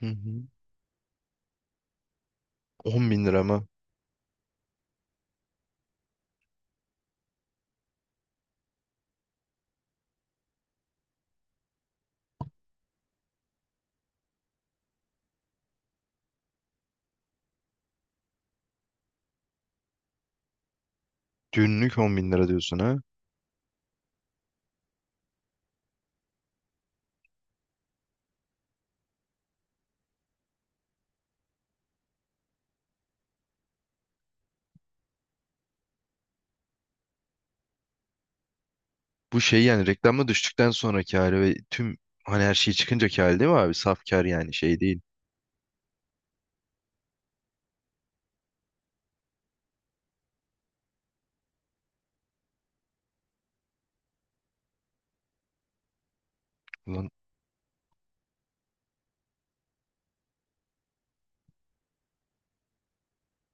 Hı hı. 10 bin lira mı? Günlük 10 bin lira diyorsun ha? Bu şey yani reklamda düştükten sonraki hali ve tüm hani her şey çıkınca hali, değil mi abi? Saf kar yani, şey değil. Ulan,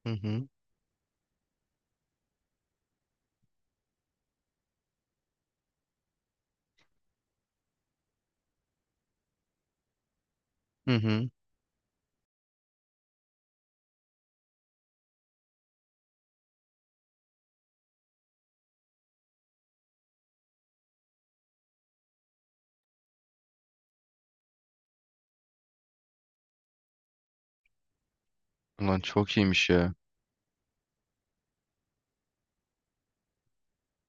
hı hı, hı hı. Ulan, çok iyiymiş ya.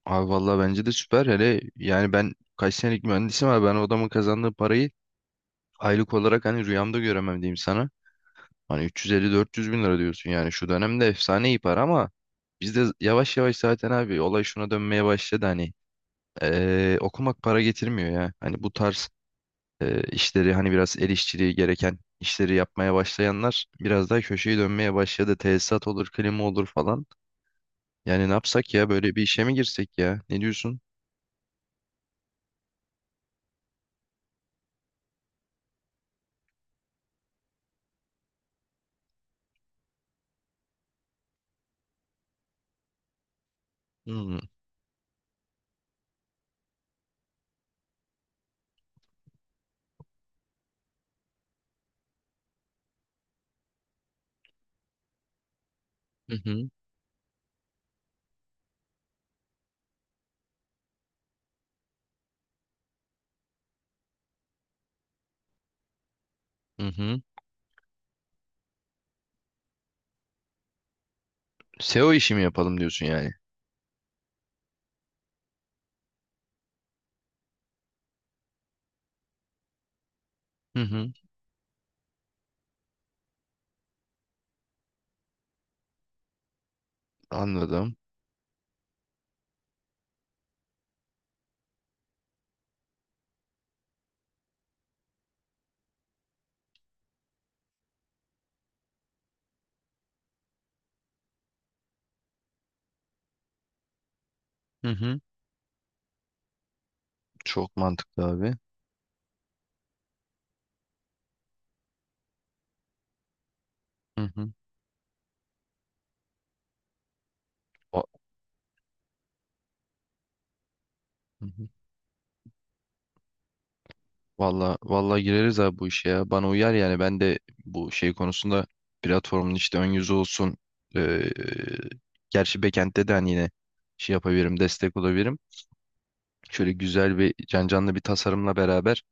Abi vallahi bence de süper, hele yani ben kaç senelik mühendisim abi, ben o adamın kazandığı parayı aylık olarak hani rüyamda göremem diyeyim sana. Hani 350-400 bin lira diyorsun, yani şu dönemde efsane iyi para ama biz de yavaş yavaş zaten abi olay şuna dönmeye başladı hani, okumak para getirmiyor ya. Hani bu tarz işleri, hani biraz el işçiliği gereken işleri yapmaya başlayanlar biraz daha köşeyi dönmeye başladı. Tesisat olur, klima olur falan. Yani ne yapsak ya, böyle bir işe mi girsek ya? Ne diyorsun? Hmm. Hı hı. Hı hı. SEO işi mi yapalım diyorsun yani? Hı hı. Anladım. Hı hı. Çok mantıklı abi. Hı hı. Va- hı hı. Valla valla, gireriz abi bu işe ya. Bana uyar, yani ben de bu şey konusunda platformun işte ön yüzü olsun. eee, gerçi backend'de de hani yine şey yapabilirim, destek olabilirim. Şöyle güzel bir canlı bir tasarımla beraber,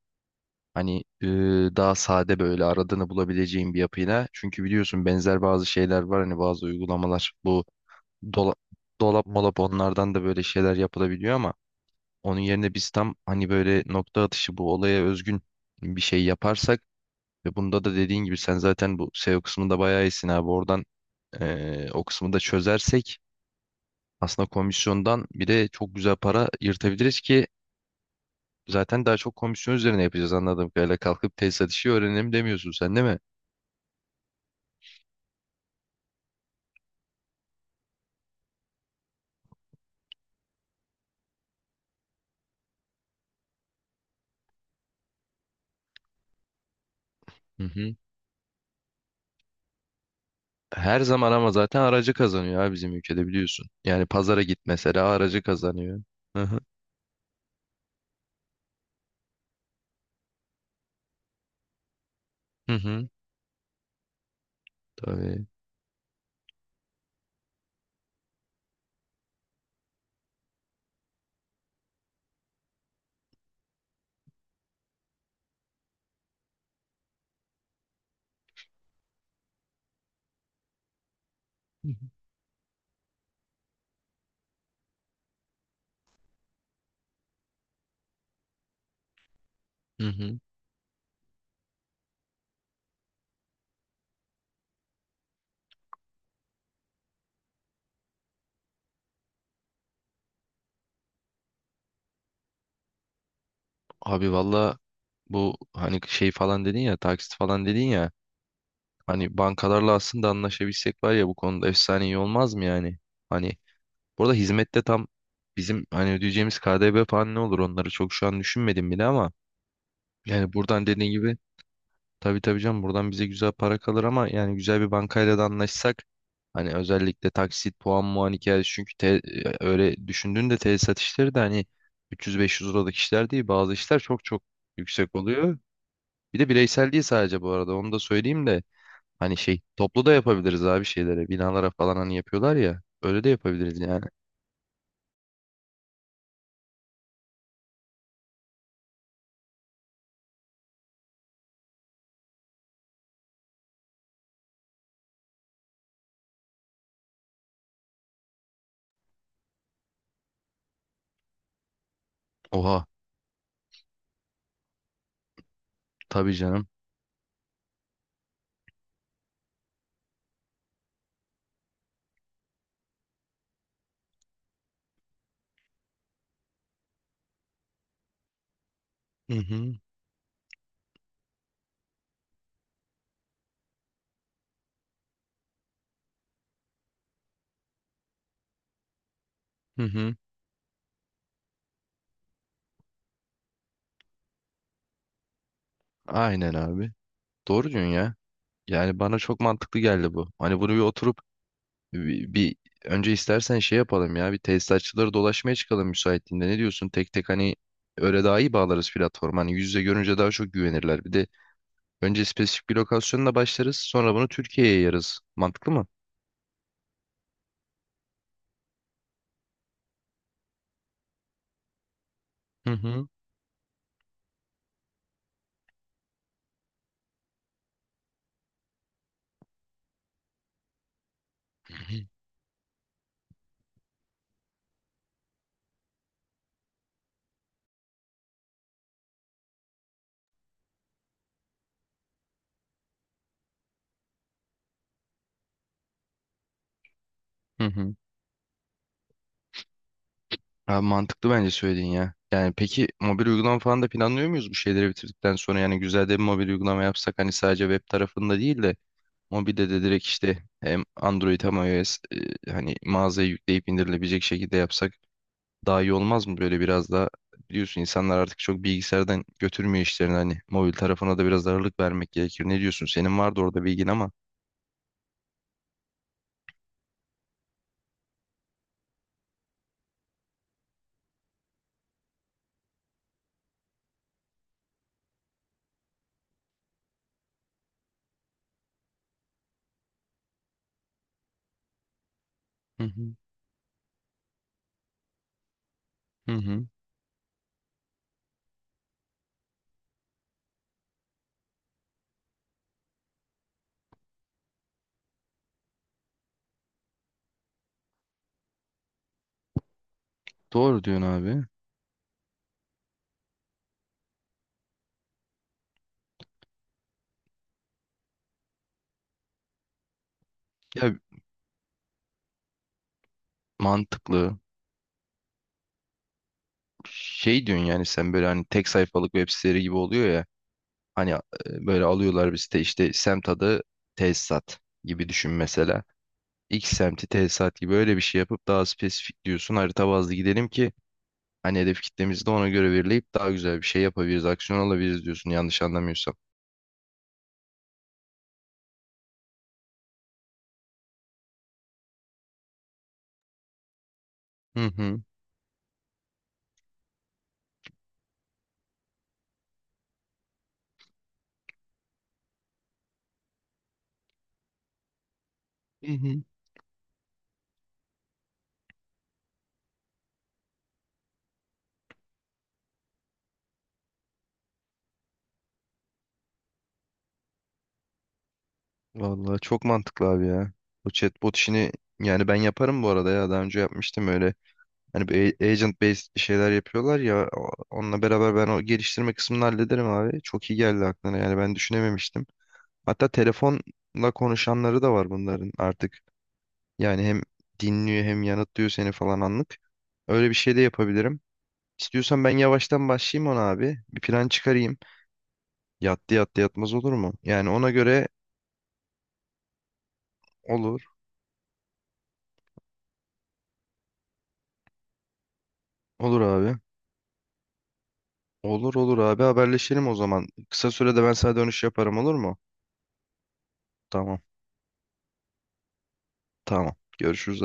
hani daha sade, böyle aradığını bulabileceğin bir yapıyla. Çünkü biliyorsun benzer bazı şeyler var, hani bazı uygulamalar bu dola- dolap molap onlardan da böyle şeyler yapılabiliyor ama onun yerine biz tam hani böyle nokta atışı bu olaya özgün bir şey yaparsak ve bunda da dediğin gibi sen zaten bu SEO kısmında bayağı iyisin abi. Oradan o kısmı da çözersek aslında komisyondan bir de çok güzel para yırtabiliriz ki zaten daha çok komisyon üzerine yapacağız anladığım kadarıyla. Kalkıp tesisat işi öğrenelim demiyorsun sen, değil mi? Hı hı. Her zaman, ama zaten aracı kazanıyor abi, bizim ülkede biliyorsun. Yani pazara git mesela, aracı kazanıyor. Hı hı. Hı hı. Tabii. Hı hı. Abi valla, bu hani şey falan dedin ya, taksit falan dedin ya, hani bankalarla aslında anlaşabilsek var ya, bu konuda efsane iyi olmaz mı yani? Hani burada hizmette tam bizim hani ödeyeceğimiz KDV falan ne olur onları çok şu an düşünmedim bile, ama yani buradan dediğin gibi, tabii tabii canım, buradan bize güzel para kalır, ama yani güzel bir bankayla da anlaşsak hani, özellikle taksit puan muan hikayesi, çünkü öyle düşündüğünde tesisat işleri de hani 300-500 liralık işler değil, bazı işler çok çok yüksek oluyor. Bir de bireysel değil sadece, bu arada onu da söyleyeyim de, hani şey, toplu da yapabiliriz abi, şeylere, binalara falan hani yapıyorlar ya, öyle de yapabiliriz yani. Oha. Tabii canım. Hı hı, hı hı. Aynen abi. Doğru diyorsun ya. Yani bana çok mantıklı geldi bu. Hani bunu bir oturup, bir önce istersen şey yapalım ya, bir tesisatçıları dolaşmaya çıkalım müsaitliğinde, ne diyorsun? Tek tek hani, öyle daha iyi bağlarız platform. Hani yüz yüze görünce daha çok güvenirler. Bir de önce spesifik bir lokasyonla başlarız, sonra bunu Türkiye'ye yayarız. Mantıklı mı? Hı hı. Hı hı. Abi mantıklı bence söylediğin ya. Yani peki mobil uygulama falan da planlıyor muyuz bu şeyleri bitirdikten sonra? Yani güzel de bir mobil uygulama yapsak hani, sadece web tarafında değil de mobilde de direkt, işte hem Android hem iOS, hani mağazaya yükleyip indirilebilecek şekilde yapsak daha iyi olmaz mı? Böyle biraz da, biliyorsun, insanlar artık çok bilgisayardan götürmüyor işlerini, hani mobil tarafına da biraz ağırlık vermek gerekir. Ne diyorsun? Senin vardı orada bilgin ama. Hı hı. Hı hı. Doğru diyorsun abi. Ya mantıklı. Şey diyorsun yani, sen böyle hani tek sayfalık web siteleri gibi oluyor ya. Hani böyle alıyorlar bir site, işte semt adı, tesisat gibi düşün mesela. X semti tesisat gibi öyle bir şey yapıp, daha spesifik diyorsun, harita bazlı gidelim ki hani hedef kitlemizi de ona göre belirleyip daha güzel bir şey yapabiliriz, aksiyon alabiliriz diyorsun, yanlış anlamıyorsam. Hı hı. Hı hı. Vallahi çok mantıklı abi ya. Bu chatbot işini, yani ben yaparım bu arada ya, daha önce yapmıştım öyle. Hani bir agent based şeyler yapıyorlar ya, onunla beraber ben o geliştirme kısmını hallederim abi. Çok iyi geldi aklına, yani ben düşünememiştim. Hatta telefonla konuşanları da var bunların artık. Yani hem dinliyor hem yanıtlıyor seni falan, anlık. Öyle bir şey de yapabilirim. İstiyorsan ben yavaştan başlayayım ona abi. Bir plan çıkarayım. Yattı yattı, yatmaz olur mu? Yani ona göre olur. Olur abi. Olur olur abi, haberleşelim o zaman. Kısa sürede ben sana dönüş yaparım, olur mu? Tamam tamam. Görüşürüz.